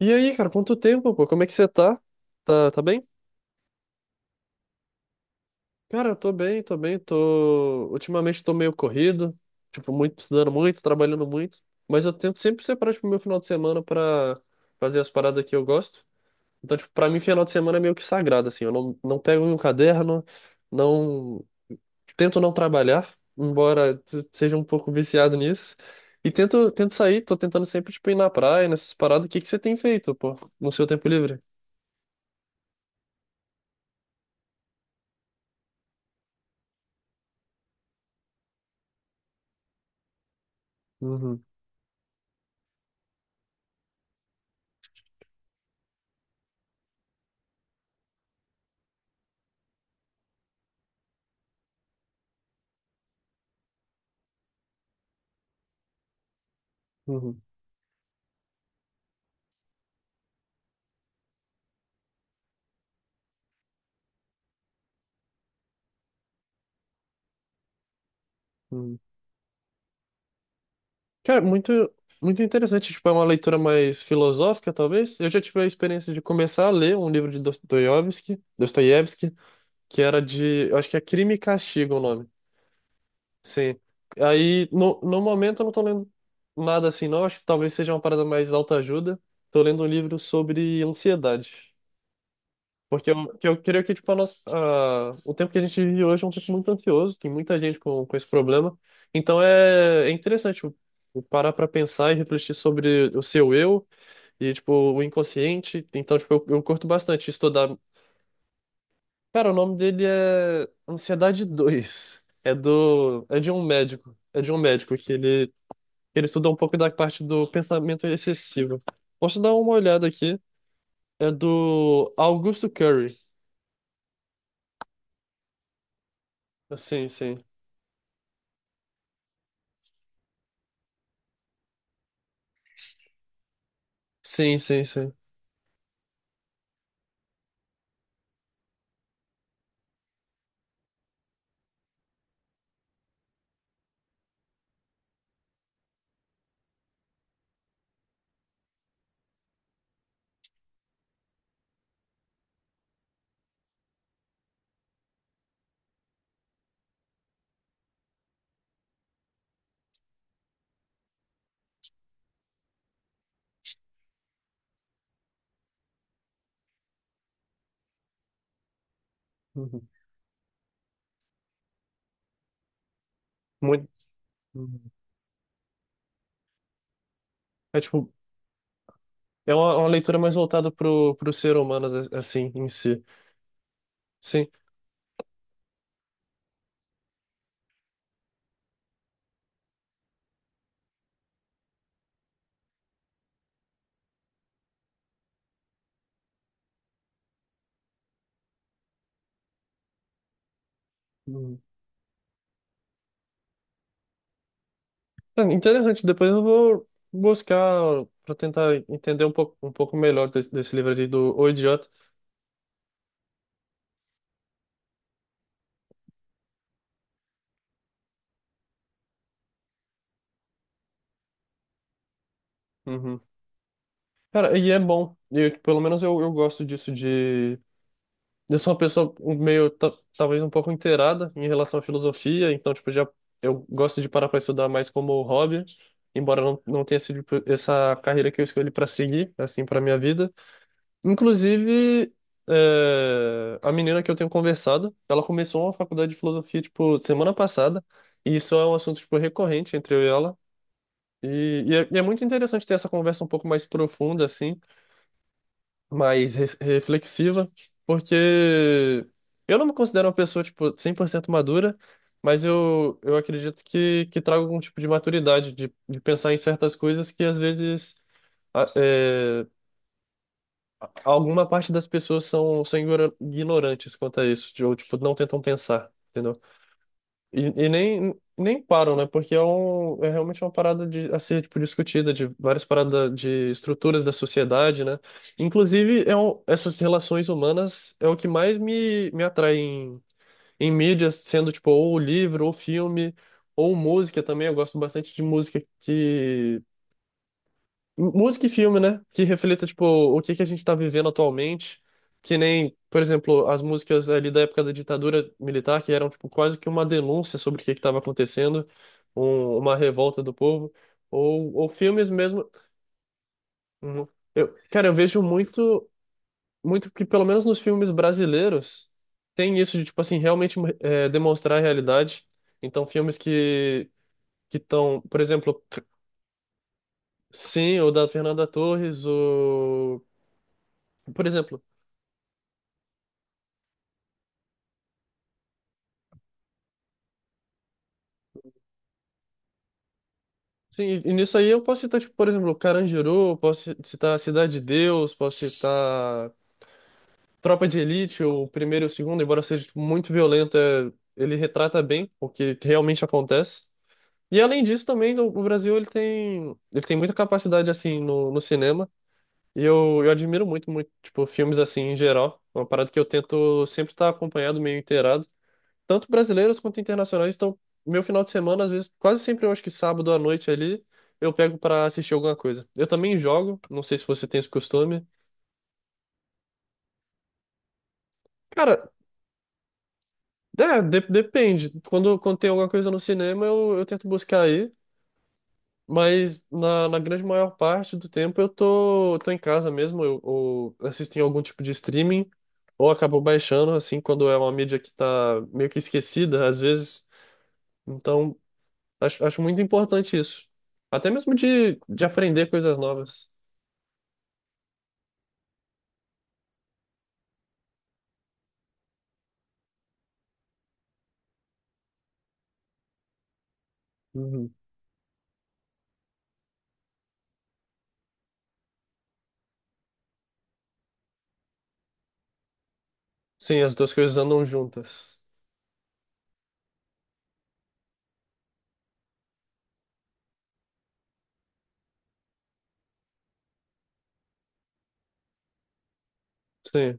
E aí, cara, quanto tempo, pô? Como é que você tá? Tá, tá bem? Cara, eu tô bem, Ultimamente tô meio corrido, tipo, muito, estudando muito, trabalhando muito, mas eu tento sempre separar, tipo, meu final de semana pra fazer as paradas que eu gosto. Então, tipo, pra mim, final de semana é meio que sagrado, assim, eu não pego um caderno, não... Tento não trabalhar, embora seja um pouco viciado nisso, e tento sair, tô tentando sempre, tipo, ir na praia, nessas paradas. O que que você tem feito, pô, no seu tempo livre? Uhum, uhum, uhum. Cara, muito, muito interessante. Tipo, é uma leitura mais filosófica, talvez. Eu já tive a experiência de começar a ler um livro de Dostoiévski, que era de, eu acho que é Crime e Castigo o nome. Sim. Aí, no momento, eu não tô lendo nada assim, não. Acho que talvez seja uma parada mais autoajuda. Tô lendo um livro sobre ansiedade. Porque eu, que eu creio que tipo, o tempo que a gente vive hoje é um tempo muito ansioso, tem muita gente com esse problema. Então é, é interessante tipo, parar para pensar e refletir sobre o seu eu e tipo, o inconsciente. Então, tipo, eu curto bastante estudar. Cara, o nome dele é Ansiedade dois. É do, é de um médico. É de um médico que ele estuda um pouco da parte do pensamento excessivo. Posso dar uma olhada aqui? É do Augusto Curry. Sim, sim. Sim, sim, sim. Uhum. Muito. Uhum. É tipo, é uma leitura mais voltada pro, pro ser humano, assim, em si. Sim. Uhum. É interessante. Depois eu vou buscar para tentar entender um pouco melhor desse, desse livro ali do O Idiota. Uhum. Cara, e é bom. E eu, pelo menos eu gosto disso de. Eu sou uma pessoa meio, talvez um pouco inteirada em relação à filosofia, então, tipo, já eu gosto de parar para estudar mais como hobby, embora não tenha sido tipo, essa carreira que eu escolhi para seguir, assim, para minha vida. Inclusive, é, a menina que eu tenho conversado, ela começou uma faculdade de filosofia, tipo, semana passada, e isso é um assunto, tipo, recorrente entre eu e ela. E, e é muito interessante ter essa conversa um pouco mais profunda, assim, mais reflexiva, porque eu não me considero uma pessoa, tipo, 100% madura, mas eu acredito que trago algum tipo de maturidade, de pensar em certas coisas que às vezes alguma parte das pessoas são, são ignorantes quanto a isso, de- ou tipo, não tentam pensar, entendeu? E nem param, né? Porque é, um, é realmente uma parada de, a ser tipo, discutida, de várias paradas de estruturas da sociedade, né? Inclusive, é um, essas relações humanas é o que mais me, me atrai em, em mídias, sendo tipo, ou livro, ou filme, ou música também. Eu gosto bastante de música que música e filme, né? Que reflita, tipo, o que que a gente tá vivendo atualmente. Que nem, por exemplo, as músicas ali da época da ditadura militar, que eram, tipo, quase que uma denúncia sobre o que que tava acontecendo, uma revolta do povo. Ou filmes mesmo. Uhum. Eu, cara, eu vejo muito, muito que, pelo menos nos filmes brasileiros, tem isso de, tipo assim, realmente é, demonstrar a realidade. Então, filmes que estão, por exemplo, sim, o da Fernanda Torres, o. Por exemplo. Sim, e nisso aí eu posso citar, tipo, por exemplo, Carandiru, posso citar Cidade de Deus, posso citar Tropa de Elite, o primeiro e o segundo, embora seja tipo, muito violenta, ele retrata bem o que realmente acontece. E além disso também, o Brasil ele tem muita capacidade assim no, no cinema, e eu admiro muito, muito, tipo, filmes assim em geral. É uma parada que eu tento sempre estar acompanhado, meio inteirado tanto brasileiros quanto internacionais. Então, meu final de semana, às vezes, quase sempre eu acho que sábado à noite ali, eu pego pra assistir alguma coisa. Eu também jogo, não sei se você tem esse costume. Cara, é, depende. Quando, quando tem alguma coisa no cinema, eu tento buscar aí. Mas na, na grande maior parte do tempo eu tô, tô em casa mesmo, eu, ou assisto em algum tipo de streaming, ou acabo baixando, assim, quando é uma mídia que tá meio que esquecida, às vezes. Então, acho, acho muito importante isso. Até mesmo de aprender coisas novas. Uhum. Sim, as duas coisas andam juntas. Sim.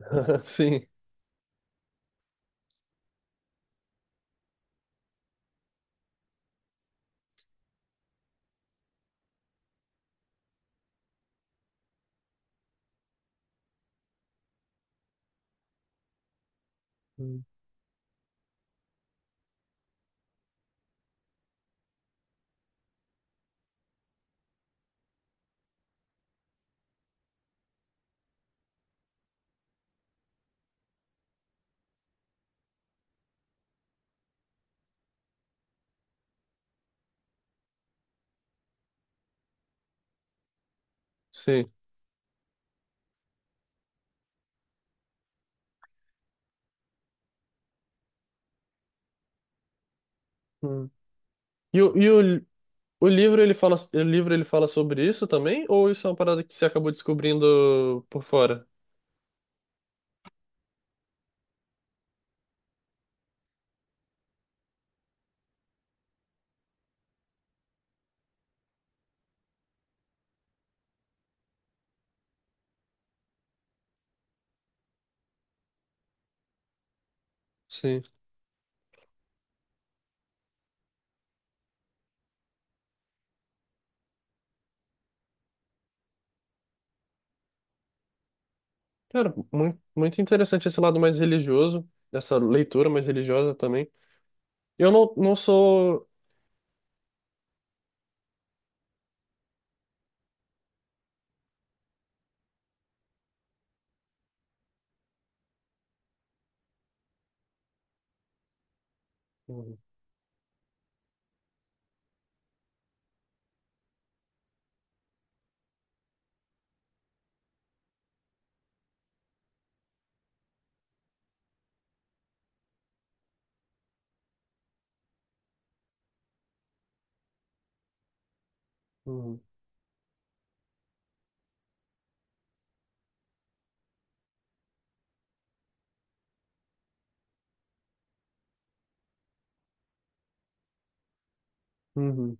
Sim. Hum. Sim. Hum. E, o, o livro ele fala, o livro ele fala sobre isso também? Ou isso é uma parada que você acabou descobrindo por fora? Sim. Cara, muito, muito interessante esse lado mais religioso, essa leitura mais religiosa também. Eu não, não sou. Uhum, uhum, uhum,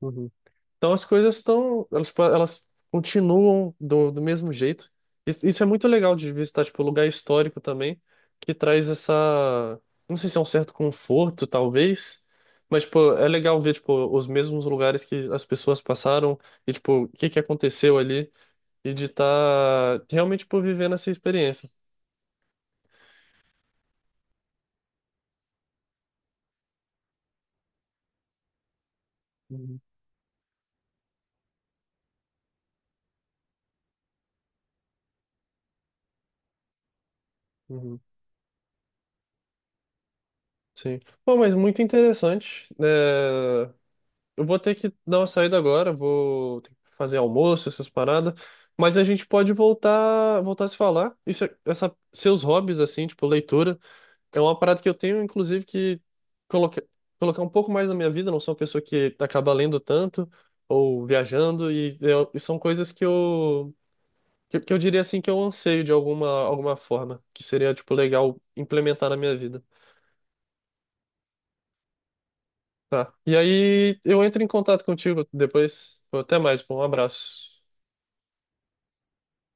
uhum. Então as coisas estão, elas continuam do, do mesmo jeito. Isso é muito legal de visitar, tipo, lugar histórico também, que traz essa, não sei se é um certo conforto, talvez, mas, tipo, é legal ver, tipo, os mesmos lugares que as pessoas passaram e, tipo, o que que aconteceu ali e de estar realmente, tipo, vivendo essa experiência. Uhum, uhum, sim. Bom, mas muito interessante, né? Eu vou ter que dar uma saída agora, vou ter que fazer almoço, essas paradas. Mas a gente pode voltar a se falar. Isso, é- essa, seus hobbies, assim, tipo, leitura, é uma parada que eu tenho, inclusive, que coloca, colocar um pouco mais na minha vida. Não sou uma pessoa que acaba lendo tanto ou viajando, e, eu- e são coisas que eu diria, assim, que eu anseio de alguma, alguma forma, que seria, tipo, legal implementar na minha vida. Tá. E aí eu entro em contato contigo depois. Até mais, pô. Um abraço.